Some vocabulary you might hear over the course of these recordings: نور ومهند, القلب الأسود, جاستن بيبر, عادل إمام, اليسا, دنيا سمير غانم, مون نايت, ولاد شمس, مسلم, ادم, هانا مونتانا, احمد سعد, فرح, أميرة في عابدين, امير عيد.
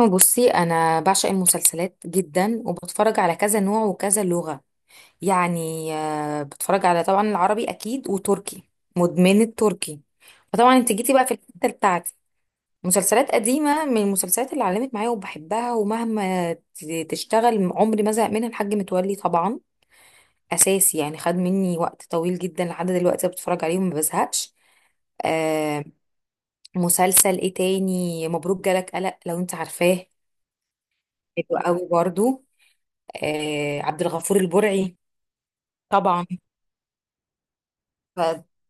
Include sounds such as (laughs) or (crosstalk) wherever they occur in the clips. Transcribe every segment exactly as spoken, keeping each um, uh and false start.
هو بصي، انا بعشق المسلسلات جدا وبتفرج على كذا نوع وكذا لغة. يعني آه، بتفرج على طبعا العربي اكيد وتركي. مدمنة تركي. فطبعا انت جيتي بقى في الحتة بتاعتي. مسلسلات قديمة من المسلسلات اللي علمت معايا وبحبها ومهما ت- تشتغل عمري ما زهق منها الحاج متولي. طبعا اساسي، يعني خد مني وقت طويل جدا لحد دلوقتي بتفرج عليهم ما بزهقش. آه مسلسل ايه تاني؟ مبروك جالك قلق لو انت عارفاه، حلو قوي برضو. آه عبد الغفور البرعي طبعا. ف...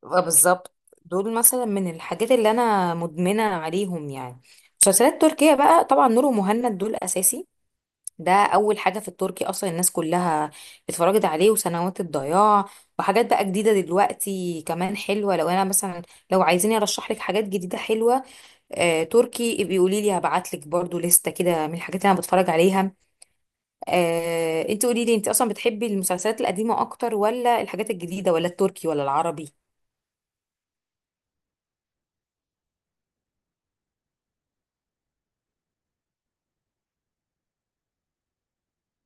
آه، بالظبط. دول مثلا من الحاجات اللي انا مدمنه عليهم يعني. مسلسلات تركية بقى، طبعا نور ومهند دول اساسي. ده اول حاجه في التركي اصلا، الناس كلها اتفرجت عليه، وسنوات الضياع. وحاجات بقى جديده دلوقتي كمان حلوه، لو انا مثلا، لو عايزيني ارشح لك حاجات جديده حلوه. آه تركي، بيقولي لي هبعت لك برضو لستة كده من الحاجات اللي انا بتفرج عليها. آه، انت قولي لي، انت اصلا بتحبي المسلسلات القديمه اكتر ولا الحاجات الجديده ولا التركي ولا العربي؟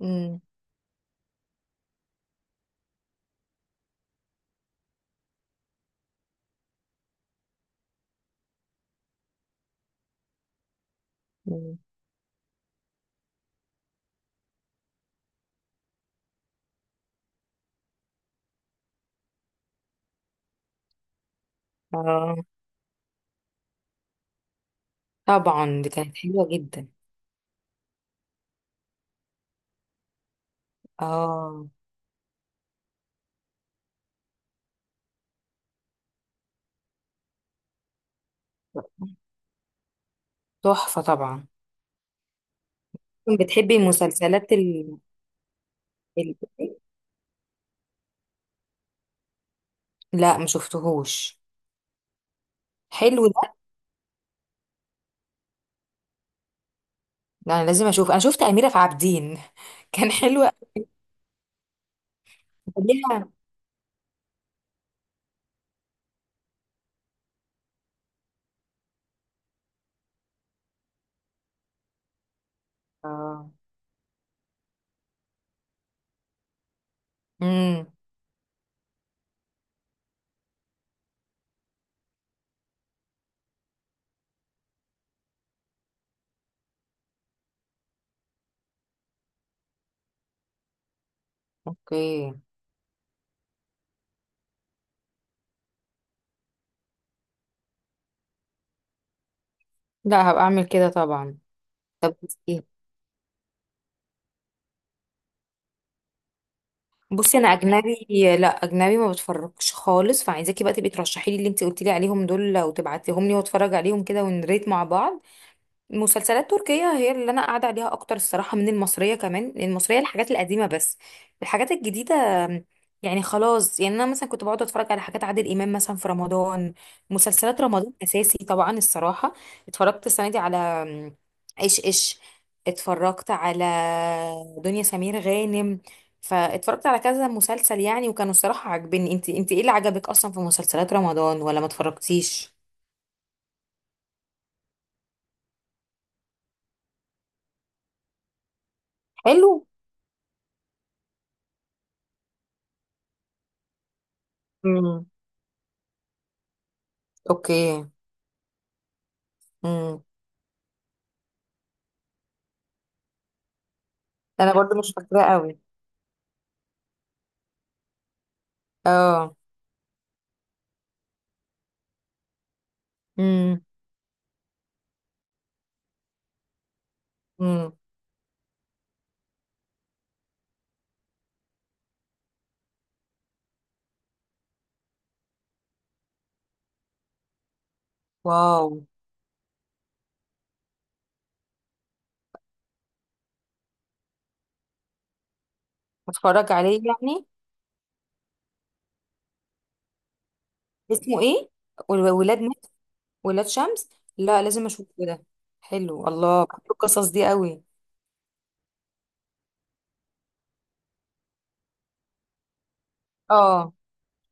مم. مم. آه، طبعا. دي كانت حلوه جدا. اه، تحفه طبعا. بتحبي المسلسلات ال... ال... لا، ما شفتهوش. حلو ده. لا، انا لازم اشوف. انا شفت اميره في عابدين (laughs) كان حلو ليها. اه. امم. اوكي. لا، هبقى اعمل كده طبعا. طب بصي، انا اجنبي، لا اجنبي ما بتفرجش خالص. فعايزاكي بقى تبقي ترشحي لي اللي انت قلتي لي عليهم دول وتبعتيهم لي واتفرج عليهم كده ونريت مع بعض. المسلسلات التركية هي اللي أنا قاعدة عليها أكتر الصراحة من المصرية. كمان المصرية الحاجات القديمة بس، الحاجات الجديدة يعني خلاص. يعني أنا مثلا كنت بقعد أتفرج على حاجات عادل إمام مثلا في رمضان. مسلسلات رمضان أساسي طبعا الصراحة. اتفرجت السنة دي على إيش إيش، اتفرجت على دنيا سمير غانم، فاتفرجت على كذا مسلسل يعني وكانوا الصراحة عاجبني. انت انت ايه اللي عجبك أصلا في مسلسلات رمضان ولا ما اتفرجتيش؟ حلو. امم. اوكي. مم. انا برضو مش فاكراه قوي. اه. امم. امم. واو. اتفرج عليه يعني. اسمه ايه؟ ول- ولاد نت ولاد شمس. لا لازم اشوفه ده. حلو، الله بحب القصص دي قوي. اه.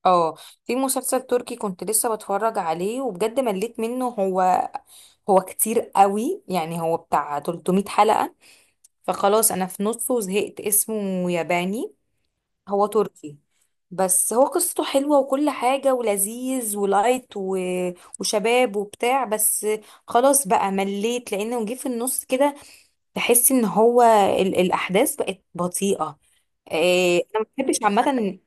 اه، في مسلسل تركي كنت لسه بتفرج عليه وبجد مليت منه. هو هو كتير قوي يعني، هو بتاع تلت ميه حلقة. فخلاص انا في نصه زهقت. اسمه ياباني، هو تركي بس هو قصته حلوة وكل حاجة، ولذيذ ولايت و... وشباب وبتاع. بس خلاص بقى مليت لأنه جه في النص كده. تحس إن هو ال... الأحداث بقت بطيئة. إيه... أنا ما بحبش عامة،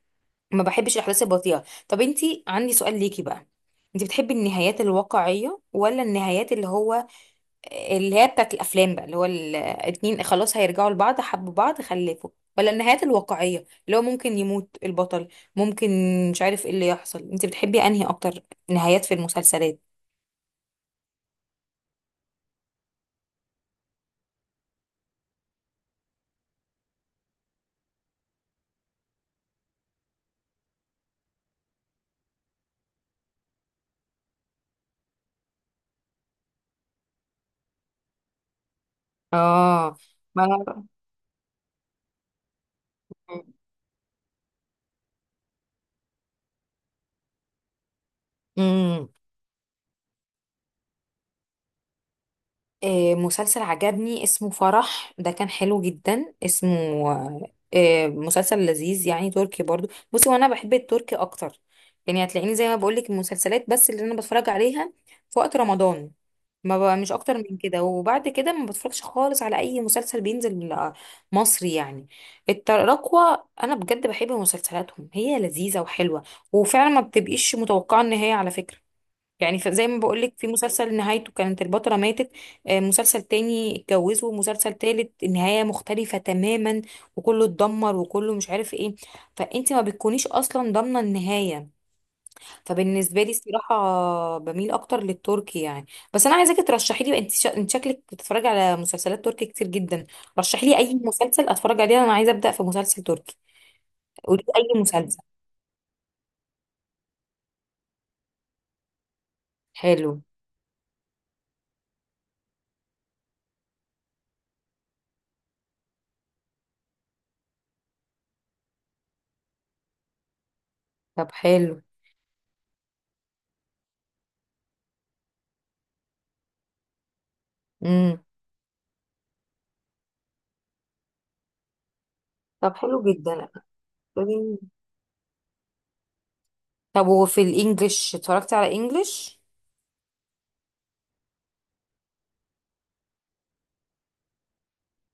ما بحبش الأحداث البطيئة. طب أنتي عندي سؤال ليكي بقى، أنتي بتحبي النهايات الواقعية، ولا النهايات اللي هو اللي هي بتاعت الافلام بقى، اللي هو الاتنين خلاص هيرجعوا لبعض حبوا بعض خلفوا؟ ولا النهايات الواقعية اللي هو ممكن يموت البطل، ممكن مش عارف ايه اللي يحصل؟ انت بتحبي انهي اكتر نهايات في المسلسلات؟ اه. ما انا آه، مسلسل عجبني اسمه فرح، ده كان حلو جدا. اسمه آه، مسلسل لذيذ يعني، تركي برضو. بصي وانا بحب التركي اكتر. يعني هتلاقيني زي ما بقولك المسلسلات بس اللي انا بتفرج عليها في وقت رمضان ما بقى، مش اكتر من كده. وبعد كده ما بتفرجش خالص على اي مسلسل بينزل آه، مصري يعني. التراكوة انا بجد بحب مسلسلاتهم، هي لذيذة وحلوة، وفعلا ما بتبقيش متوقعة النهاية على فكرة. يعني ف- زي ما بقولك، في مسلسل نهايته كانت البطلة ماتت. آه، مسلسل تاني اتجوزوا، ومسلسل تالت النهاية مختلفة تماما، وكله اتدمر وكله مش عارف ايه. فانت ما بتكونيش اصلا ضامنة النهاية. فبالنسبة لي الصراحة بميل اكتر للتركي يعني. بس انا عايزاكي ترشحي لي بقى، انت شا- انت شكلك بتتفرجي على مسلسلات تركي كتير جدا. رشحي لي اي مسلسل اتفرج عليه. انا عايزة ابدأ في مسلسل تركي. قولي لي اي مسلسل. حلو. طب حلو. امم. طب حلو جدا. طب وفي الانجليش، اتفرجتي على انجليش؟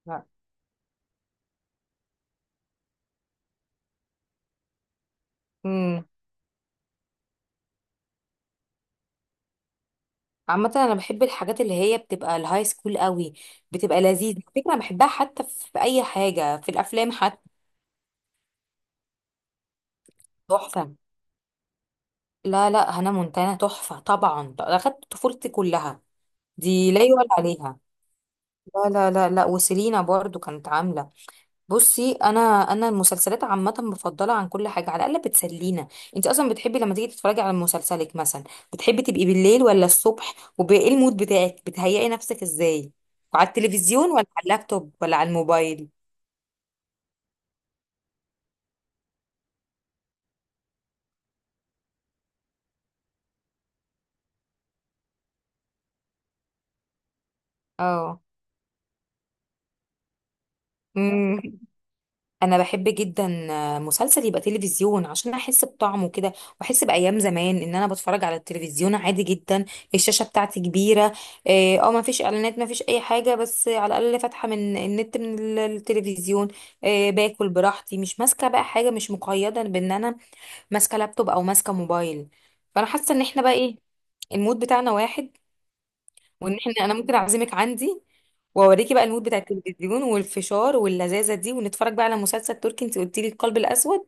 لا. امم. عامة انا بحب الحاجات اللي هي بتبقى الهاي سكول قوي، بتبقى لذيذة على فكرة. أنا بحبها حتى في في اي حاجة، في الافلام حتى. تحفة. لا لا، هنا مونتانا تحفة طبعا، ده اخدت طفولتي كلها. دي لا يعلى عليها. لا لا لا لا، وسيلينا برضو كانت عاملة. بصي انا انا المسلسلات عامه بفضلها عن كل حاجه، على الاقل بتسلينا. انت اصلا بتحبي لما تيجي تتفرجي على مسلسلك مثلا، بتحبي تبقي بالليل ولا الصبح؟ وايه المود بتاعك؟ بتهيئي نفسك ازاي؟ على التلفزيون ولا على اللابتوب ولا على الموبايل؟ اه، انا بحب جدا مسلسل يبقى تلفزيون عشان احس بطعمه كده، واحس بايام زمان ان انا بتفرج على التلفزيون عادي جدا. الشاشه بتاعتي كبيره. اه آه، ما فيش اعلانات، ما فيش اي حاجه، بس على الاقل فاتحه من النت، من ال- التلفزيون. اه باكل براحتي، مش ماسكه بقى حاجه، مش مقيده بان انا ماسكه لابتوب او ماسكه موبايل. فانا حاسه ان احنا بقى ايه، المود بتاعنا واحد. وان احنا، انا ممكن اعزمك عندي واوريكي بقى المود بتاع التلفزيون والفشار واللذاذه دي، ونتفرج بقى على مسلسل تركي. انت قلتي لي القلب الاسود،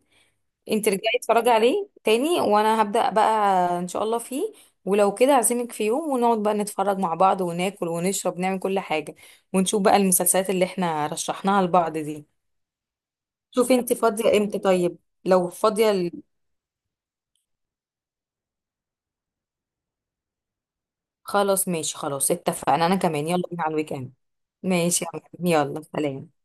انت رجعي اتفرجي عليه تاني وانا هبدا بقى ان شاء الله فيه. ولو كده اعزمك في يوم ونقعد بقى نتفرج مع بعض وناكل ونشرب، نعمل كل حاجه ونشوف بقى المسلسلات اللي احنا رشحناها لبعض دي. شوفي انت فاضيه امتى طيب؟ لو فاضيه ال- خلاص ماشي. خلاص اتفقنا، انا كمان يلا بينا على الويك اند. ماشي يا عم. يلا سلام.